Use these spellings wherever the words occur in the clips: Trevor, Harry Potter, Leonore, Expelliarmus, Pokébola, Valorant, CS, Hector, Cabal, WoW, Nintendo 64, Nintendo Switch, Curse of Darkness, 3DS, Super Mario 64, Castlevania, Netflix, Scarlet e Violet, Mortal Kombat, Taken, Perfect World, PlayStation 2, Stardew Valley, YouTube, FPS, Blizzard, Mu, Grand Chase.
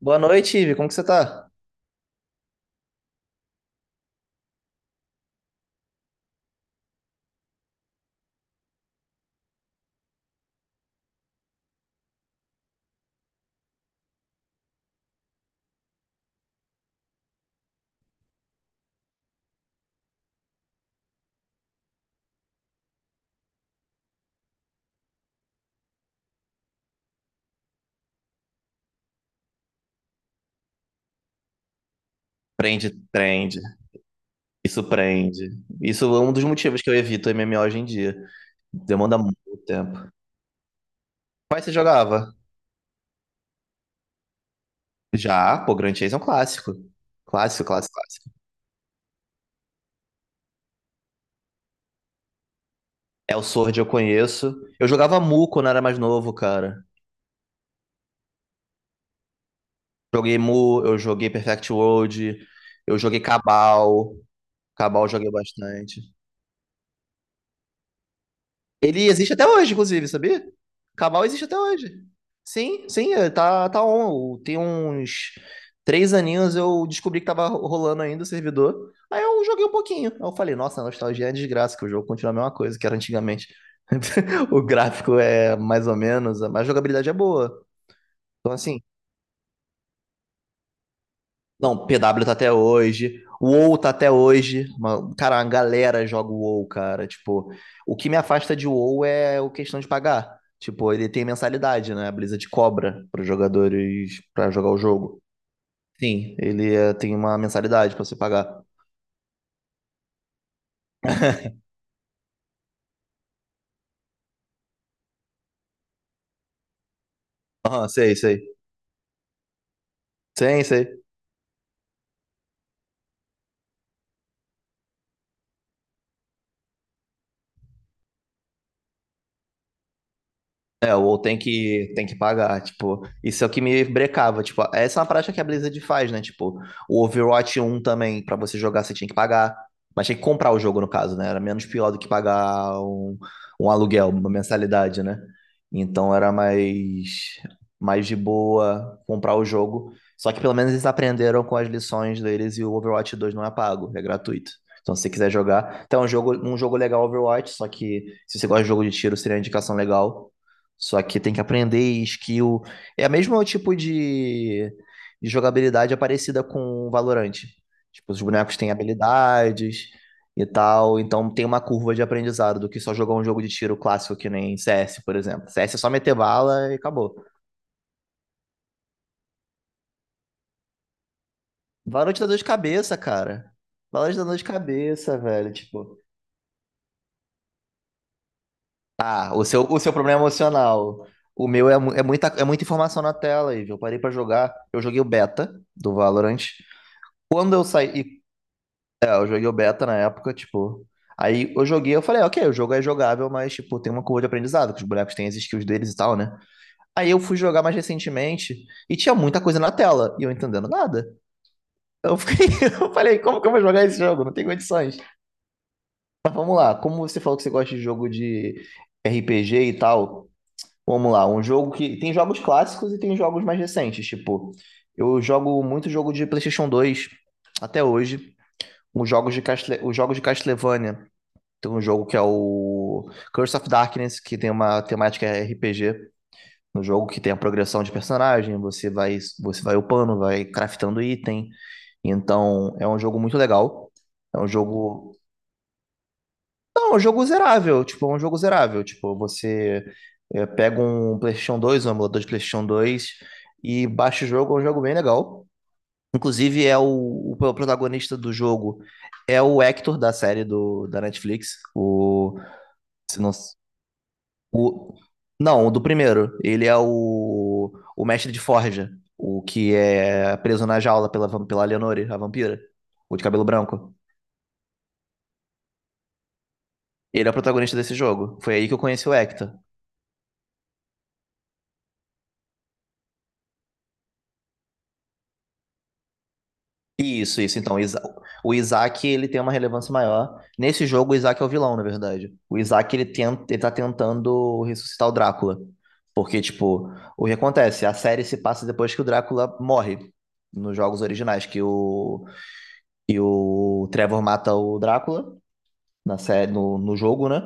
Boa noite, Ivi. Como que você tá? Prende, prende. Isso prende. Isso é um dos motivos que eu evito MMO hoje em dia. Demanda muito tempo. Quais você jogava? Já, pô, Grand Chase é um clássico. Clássico, clássico, clássico. É o Sword eu conheço. Eu jogava Mu quando era mais novo, cara. Joguei Mu, eu joguei Perfect World, eu joguei Cabal. Cabal eu joguei bastante. Ele existe até hoje, inclusive, sabia? Cabal existe até hoje. Sim, sim, é, tá on. Tem uns 3 aninhos eu descobri que tava rolando ainda o servidor. Aí eu joguei um pouquinho. Aí eu falei, nossa, a nostalgia é desgraça, que o jogo continua a mesma coisa que era antigamente. O gráfico é mais ou menos, mas a jogabilidade é boa. Então, assim, não, PW tá até hoje. O WoW tá até hoje. Cara, uma galera joga o WoW, cara. Tipo, o que me afasta de WoW é a questão de pagar. Tipo, ele tem mensalidade, né? A Blizzard cobra para jogadores pra jogar o jogo. Sim, ele tem uma mensalidade pra você pagar. Aham, sei, sei. Sim, sei. É, ou tem que pagar, tipo, isso é o que me brecava, tipo, essa é uma prática que a Blizzard faz, né, tipo, o Overwatch 1 também, pra você jogar você tinha que pagar, mas tinha que comprar o jogo no caso, né, era menos pior do que pagar um aluguel, uma mensalidade, né, então era mais de boa comprar o jogo, só que pelo menos eles aprenderam com as lições deles e o Overwatch 2 não é pago, é gratuito. Então, se você quiser jogar, então é um jogo legal Overwatch, só que se você gosta de jogo de tiro, seria uma indicação legal. Só que tem que aprender skill. É o mesmo tipo de jogabilidade é parecida com o Valorant. Tipo, os bonecos têm habilidades e tal. Então tem uma curva de aprendizado do que só jogar um jogo de tiro clássico que nem CS, por exemplo. CS é só meter bala e acabou. Valorant dá dor de cabeça, cara. Valorant dá dor de cabeça, velho. Tipo, tá, o seu problema é emocional. O meu é, é muita informação na tela, Ivo. Eu parei pra jogar. Eu joguei o beta do Valorant. Quando eu saí, Eu joguei o beta na época, tipo. Aí eu joguei, eu falei, "Ah, ok, o jogo é jogável, mas, tipo, tem uma curva de aprendizado, que os bonecos têm as skills deles e tal, né? Aí eu fui jogar mais recentemente e tinha muita coisa na tela e eu entendendo nada. Eu fiquei, eu falei, como que eu vou jogar esse jogo? Não tem condições. Mas vamos lá, como você falou que você gosta de jogo de RPG e tal, vamos lá, um jogo que tem jogos clássicos e tem jogos mais recentes, tipo, eu jogo muito jogo de PlayStation 2 até hoje, os jogos de Castlevania. Tem um jogo que é o Curse of Darkness, que tem uma temática RPG no jogo que tem a progressão de personagem, você vai upando, vai craftando item. Então, é um jogo muito legal. É um jogo, não, é um jogo zerável, tipo, é um jogo zerável, tipo, você é, pega um PlayStation 2, um emulador de PlayStation 2 e baixa o jogo, é um jogo bem legal. Inclusive, é o protagonista do jogo é o Hector da série do, da Netflix. O se não, O... Não, o do primeiro. Ele é o mestre de forja. O que é preso na jaula pela Leonore, a vampira. O de cabelo branco. Ele é o protagonista desse jogo. Foi aí que eu conheci o Hector. Isso, isso. Então, o Isaac, ele tem uma relevância maior. Nesse jogo, o Isaac é o vilão, na verdade. O Isaac, ele tá tentando ressuscitar o Drácula. Porque, tipo, o que acontece? A série se passa depois que o Drácula morre nos jogos originais, e o Trevor mata o Drácula na série, no jogo, né?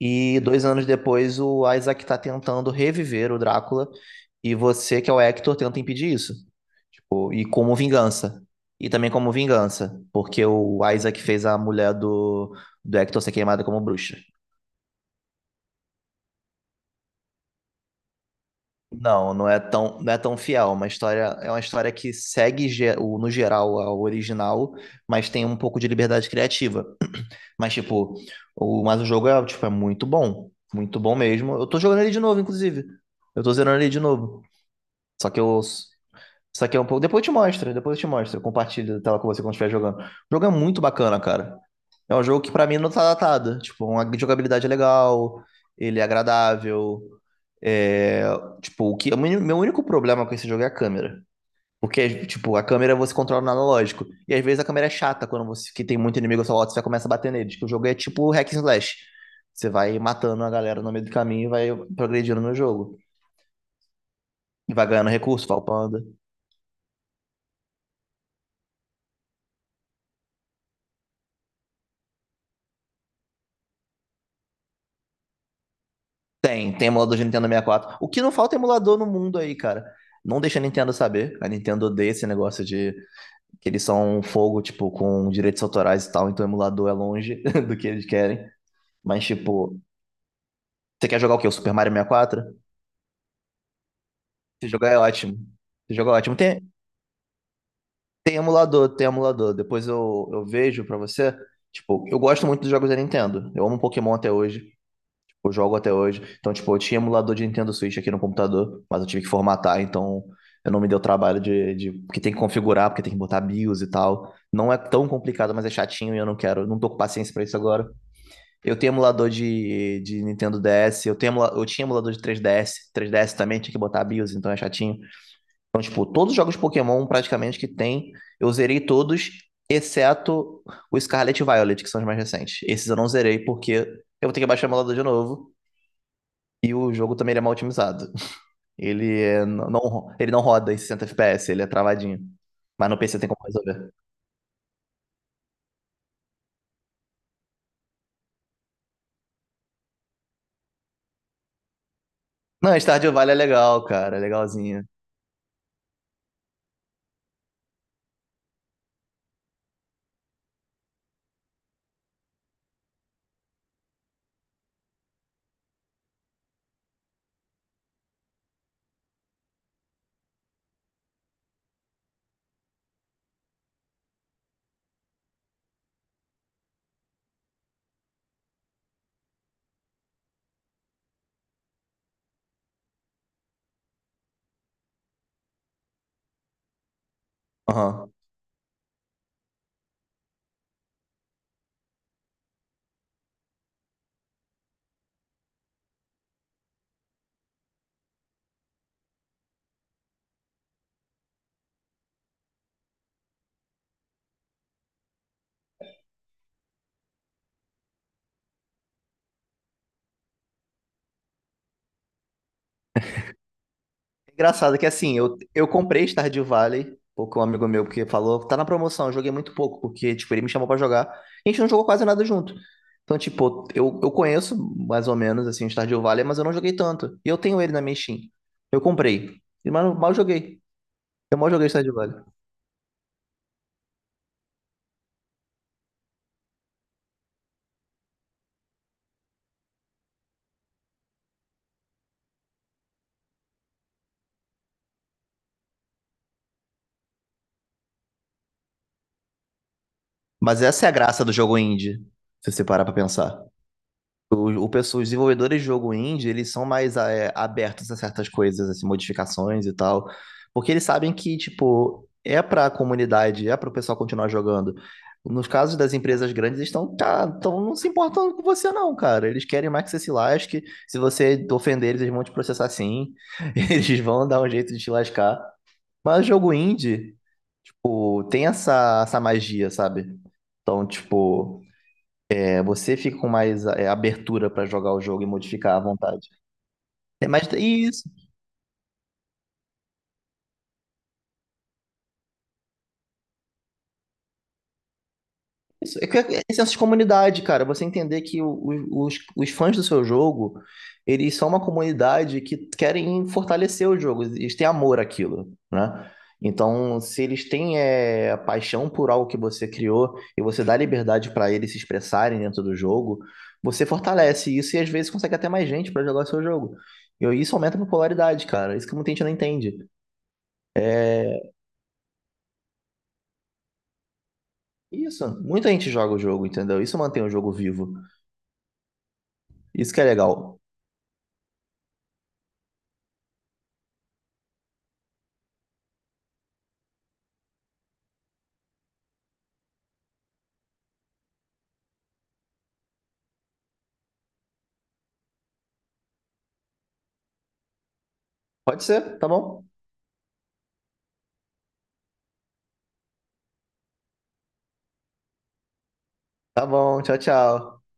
E 2 anos depois o Isaac tá tentando reviver o Drácula e você, que é o Hector, tenta impedir isso. E como vingança. E também como vingança, porque o Isaac fez a mulher do Hector ser queimada como bruxa. Não, não é tão fiel. Uma história, é uma história que segue no geral ao original, mas tem um pouco de liberdade criativa. Mas, tipo, mas o jogo é, tipo, é muito bom. Muito bom mesmo. Eu tô jogando ele de novo, inclusive. Eu tô zerando ele de novo. Só que eu. Só que é um pouco. Depois eu te mostro, depois eu te mostro. Eu compartilho a tela com você quando estiver jogando. O jogo é muito bacana, cara. É um jogo que pra mim não tá datado. Tipo, uma jogabilidade é legal, ele é agradável. É, tipo, o meu único problema com esse jogo é a câmera. Porque, tipo, a câmera você controla no analógico. E às vezes a câmera é chata quando você que tem muito inimigo ao seu lado, você já começa a bater neles. Que o jogo é tipo hack and slash. Você vai matando a galera no meio do caminho e vai progredindo no jogo. E vai ganhando recurso, falpando. Tem emulador de Nintendo 64. O que não falta é emulador no mundo aí, cara. Não deixa a Nintendo saber. A Nintendo odeia esse negócio de que eles são um fogo, tipo, com direitos autorais e tal, então o emulador é longe do que eles querem. Mas, tipo, você quer jogar o quê? O Super Mario 64? Se jogar é ótimo. Se jogar é ótimo. Tem emulador. Depois eu vejo pra você. Tipo, eu gosto muito dos jogos da Nintendo. Eu amo Pokémon até hoje. Tipo, eu jogo até hoje. Então, tipo, eu tinha emulador de Nintendo Switch aqui no computador, mas eu tive que formatar, então eu não me deu trabalho Porque tem que configurar, porque tem que botar BIOS e tal. Não é tão complicado, mas é chatinho e eu não quero. Eu não tô com paciência pra isso agora. Eu tenho emulador de Nintendo DS. Eu tinha emulador de 3DS. 3DS também tinha que botar BIOS, então é chatinho. Então, tipo, todos os jogos Pokémon praticamente que tem, eu zerei todos, exceto o Scarlet e Violet, que são os mais recentes. Esses eu não zerei porque eu vou ter que baixar o emulador de novo. E o jogo também ele é mal otimizado. Não, ele não roda em 60 FPS, ele é travadinho. Mas no PC tem como resolver. Não, Stardew Valley é legal, cara, é legalzinho. Aham. Engraçado que assim, eu comprei Stardew Valley, porque um amigo meu que falou, tá na promoção, eu joguei muito pouco, porque, tipo, ele me chamou pra jogar, e a gente não jogou quase nada junto. Então, tipo, eu conheço mais ou menos, assim, Stardew Valley, mas eu não joguei tanto. E eu tenho ele na minha Steam. Eu comprei, e, mas eu mal joguei. Eu mal joguei Stardew Valley. Mas essa é a graça do jogo indie, se você parar pra pensar. Os desenvolvedores de jogo indie, eles são mais é, abertos a certas coisas, assim, modificações e tal, porque eles sabem que, tipo, é pra comunidade, é pro pessoal continuar jogando. Nos casos das empresas grandes, eles estão, cara, tão não se importando com você não, cara. Eles querem mais que você se lasque. Se você ofender eles, eles vão te processar sim. Eles vão dar um jeito de te lascar. Mas jogo indie, tipo, tem essa magia, sabe? Então, tipo, é, você fica com mais é, abertura para jogar o jogo e modificar à vontade. É, mas e isso é, que é, é senso de comunidade, cara. Você entender que os fãs do seu jogo, eles são uma comunidade que querem fortalecer o jogo, eles têm amor àquilo, né? Então, se eles têm é, paixão por algo que você criou e você dá liberdade para eles se expressarem dentro do jogo, você fortalece isso e às vezes consegue até mais gente para jogar o seu jogo. E isso aumenta a popularidade, cara. Isso que muita gente não entende. Isso, muita gente joga o jogo, entendeu? Isso mantém o jogo vivo. Isso que é legal. Pode ser? Tá bom? Tá bom, tchau, tchau.